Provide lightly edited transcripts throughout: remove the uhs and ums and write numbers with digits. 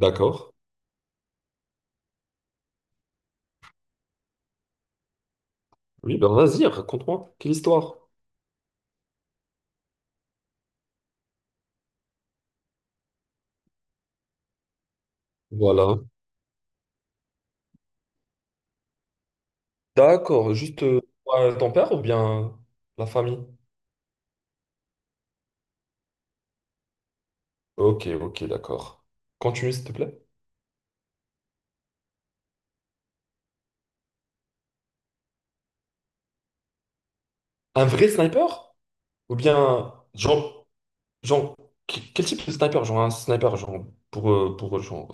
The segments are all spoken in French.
D'accord. Oui, ben vas-y, raconte-moi. Quelle histoire? Voilà. D'accord. Juste ton père ou bien la famille? Ok, ok, d'accord. Continue, s'il te plaît. Un vrai sniper? Ou bien, genre, genre, quel type de sniper? Genre un sniper, genre, pour genre,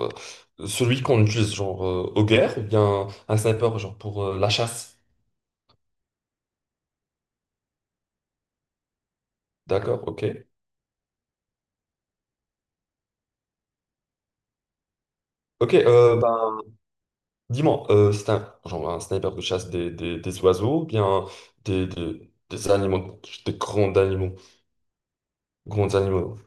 celui qu'on utilise, genre, aux guerres, ou bien un sniper, genre, pour la chasse? D'accord, ok. Ok, dis-moi, c'est un, genre un sniper de chasse des oiseaux, ou bien des animaux, des grands animaux, grands animaux.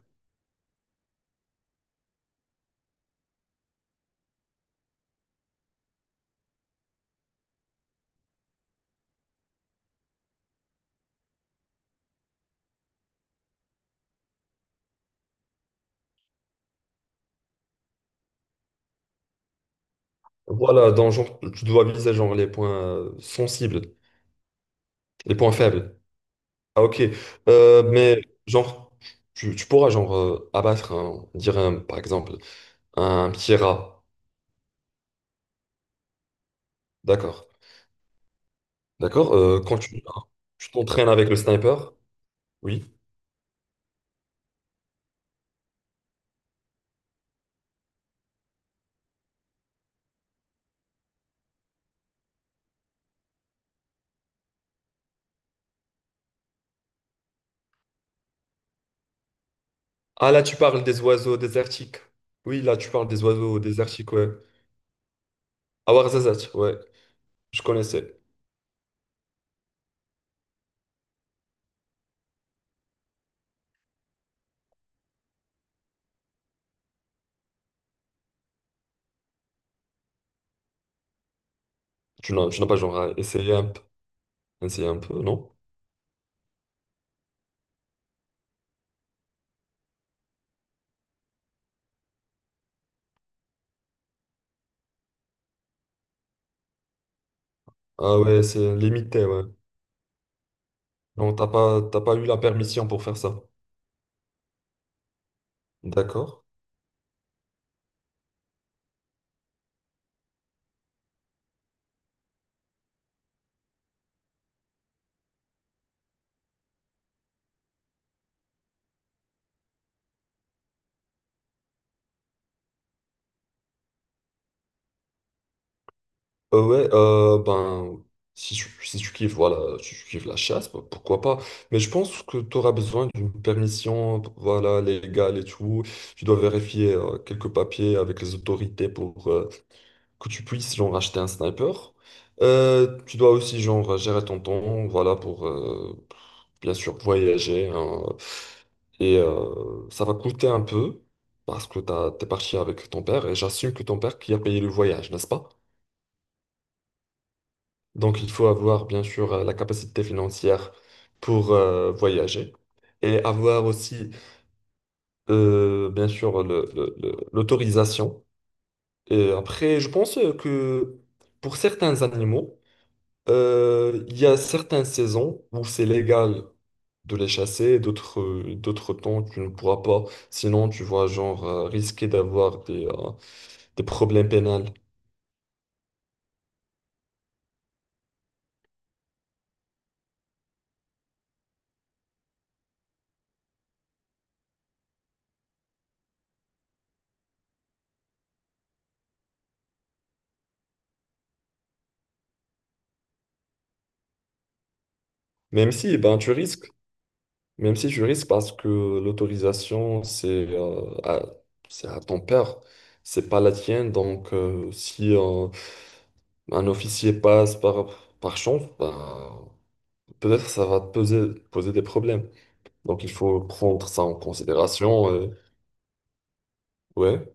Voilà, dans genre, tu dois viser genre les points sensibles, les points faibles. Ah ok, mais genre, tu pourras genre abattre un, on dirait par exemple, un petit rat. D'accord, d'accord. Quand tu t'entraînes avec le sniper, oui. Ah là, tu parles des oiseaux désertiques. Oui, là, tu parles des oiseaux désertiques, ouais. Awarzazat, ouais. Je connaissais. Tu n'as pas genre un peu, essayé un peu, non? Ah ouais, c'est limité, ouais. Donc t'as pas eu la permission pour faire ça. D'accord. Ouais, ben, si tu, si tu kiffes, voilà, si tu kiffes la chasse, bah, pourquoi pas. Mais je pense que tu auras besoin d'une permission, voilà, légale et tout. Tu dois vérifier quelques papiers avec les autorités pour, que tu puisses genre acheter un sniper. Tu dois aussi genre gérer ton temps, voilà, pour bien sûr voyager, hein. Et ça va coûter un peu parce que t'es parti avec ton père et j'assume que ton père qui a payé le voyage, n'est-ce pas? Donc il faut avoir bien sûr la capacité financière pour voyager et avoir aussi bien sûr l'autorisation. Et après, je pense que pour certains animaux, il y a certaines saisons où c'est légal de les chasser, d'autres d'autres temps tu ne pourras pas, sinon tu vas genre risquer d'avoir des problèmes pénals. Même si eh ben tu risques, même si tu risques parce que l'autorisation c'est à, c'est à ton père, c'est pas la tienne, donc si un officier passe par, par chance, ben, peut-être ça va te poser, poser des problèmes. Donc il faut prendre ça en considération. Euh, ouais.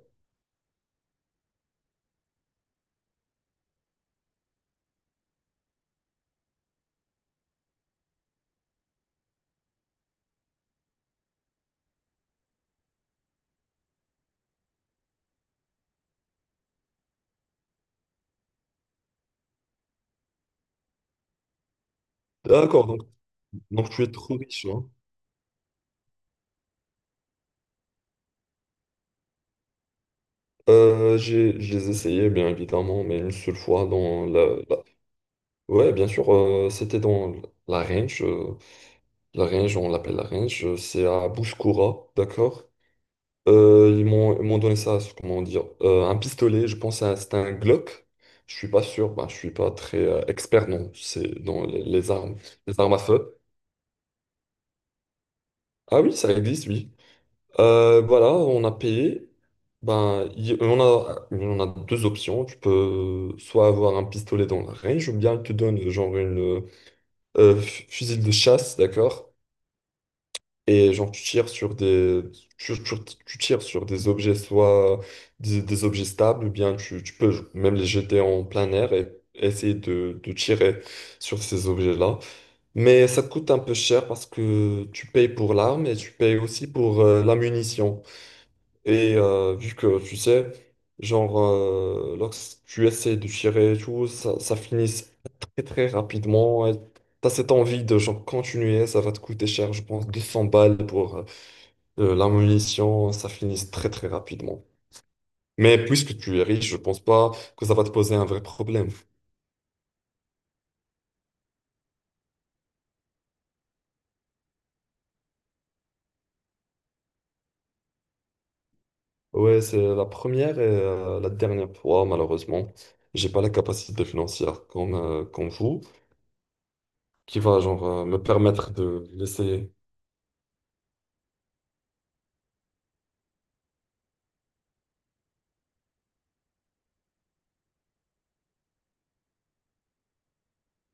D'accord, donc tu es trop riche, hein. J'ai, je les essayais, bien évidemment, mais une seule fois dans la- Ouais, bien sûr, c'était dans la range. La range, on l'appelle la range. C'est à Bouskoura, d'accord? Ils m'ont donné ça, c'est- comment dire, un pistolet, je pense que c'était un Glock. Je suis pas sûr, ben, je suis pas très expert non, c'est dans les armes à feu. Ah oui, ça existe, oui. Voilà, on a payé. Ben, on a deux options. Tu peux soit avoir un pistolet dans la range, ou bien il te donne genre une fu- fusil de chasse, d'accord? Et genre tu tires sur des, tu, tu- tu tires sur des objets, soit des objets stables, ou bien tu peux même les jeter en plein air et essayer de tirer sur ces objets-là. Mais ça coûte un peu cher parce que tu payes pour l'arme et tu payes aussi pour la munition. Et vu que tu sais, genre, lorsque tu essaies de tirer et tout, ça finit très très rapidement. Et t'as cette envie de genre continuer, ça va te coûter cher, je pense, 200 balles pour la munition, ça finit très très rapidement. Mais puisque tu es riche, je pense pas que ça va te poser un vrai problème. Ouais, c'est la première et la dernière fois, malheureusement. J'ai pas la capacité financière comme, comme vous, qui va genre me permettre de laisser.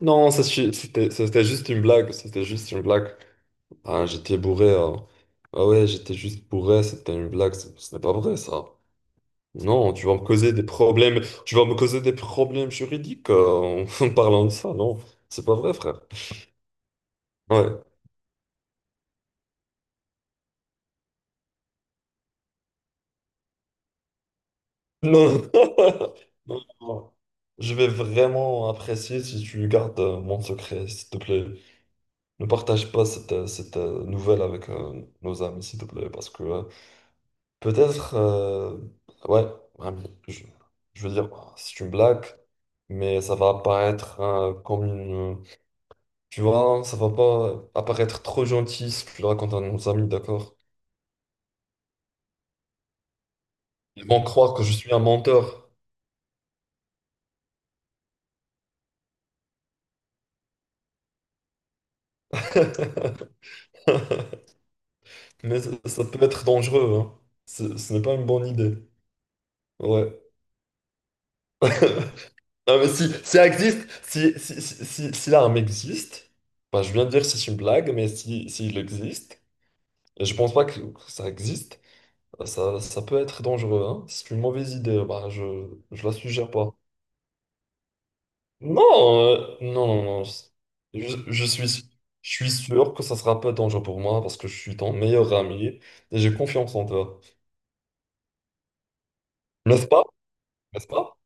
Non, ça, c'était juste une blague. C'était juste une blague. Ah, j'étais bourré, hein. Ah ouais, j'étais juste bourré. C'était une blague. Ce n'est pas vrai, ça. Non, tu vas me causer des problèmes. Tu vas me causer des problèmes juridiques en en parlant de ça. Non, c'est pas vrai, frère. Ouais. Non. Non, non. Je vais vraiment apprécier si tu gardes mon secret, s'il te plaît. Ne partage pas cette nouvelle avec nos amis, s'il te plaît, parce que peut-être, ouais, un- je, je veux dire, c'est une blague, mais ça va apparaître comme une. Tu vois, ça va pas apparaître trop gentil si tu le racontes à nos amis, d'accord? Ils vont croire que je suis un menteur. Mais ça peut être dangereux, hein. Ce n'est pas une bonne idée. Ouais. Non, mais si, si ça existe, si, si, si, si, si l'arme existe, bah, je viens de dire que c'est une blague, mais si, s'il existe, et je pense pas que ça existe, ça peut être dangereux, hein. C'est une mauvaise idée, bah, je la suggère pas. Non, non, non, non. Je, je suis, je suis sûr que ça sera pas dangereux pour moi parce que je suis ton meilleur ami et j'ai confiance en toi. N'est-ce pas? N'est-ce pas?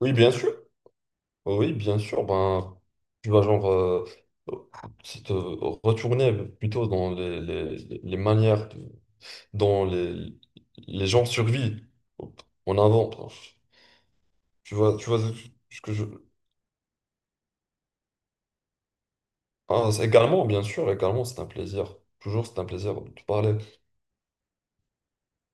Oui, bien sûr. Oui, bien sûr. Ben, tu vas genre se te retourner plutôt dans les manières, de- dont les gens survivent en avant. Tu vois ce que je, ah, c'est- également, bien sûr, également, c'est un plaisir. Toujours, c'est un plaisir de te parler.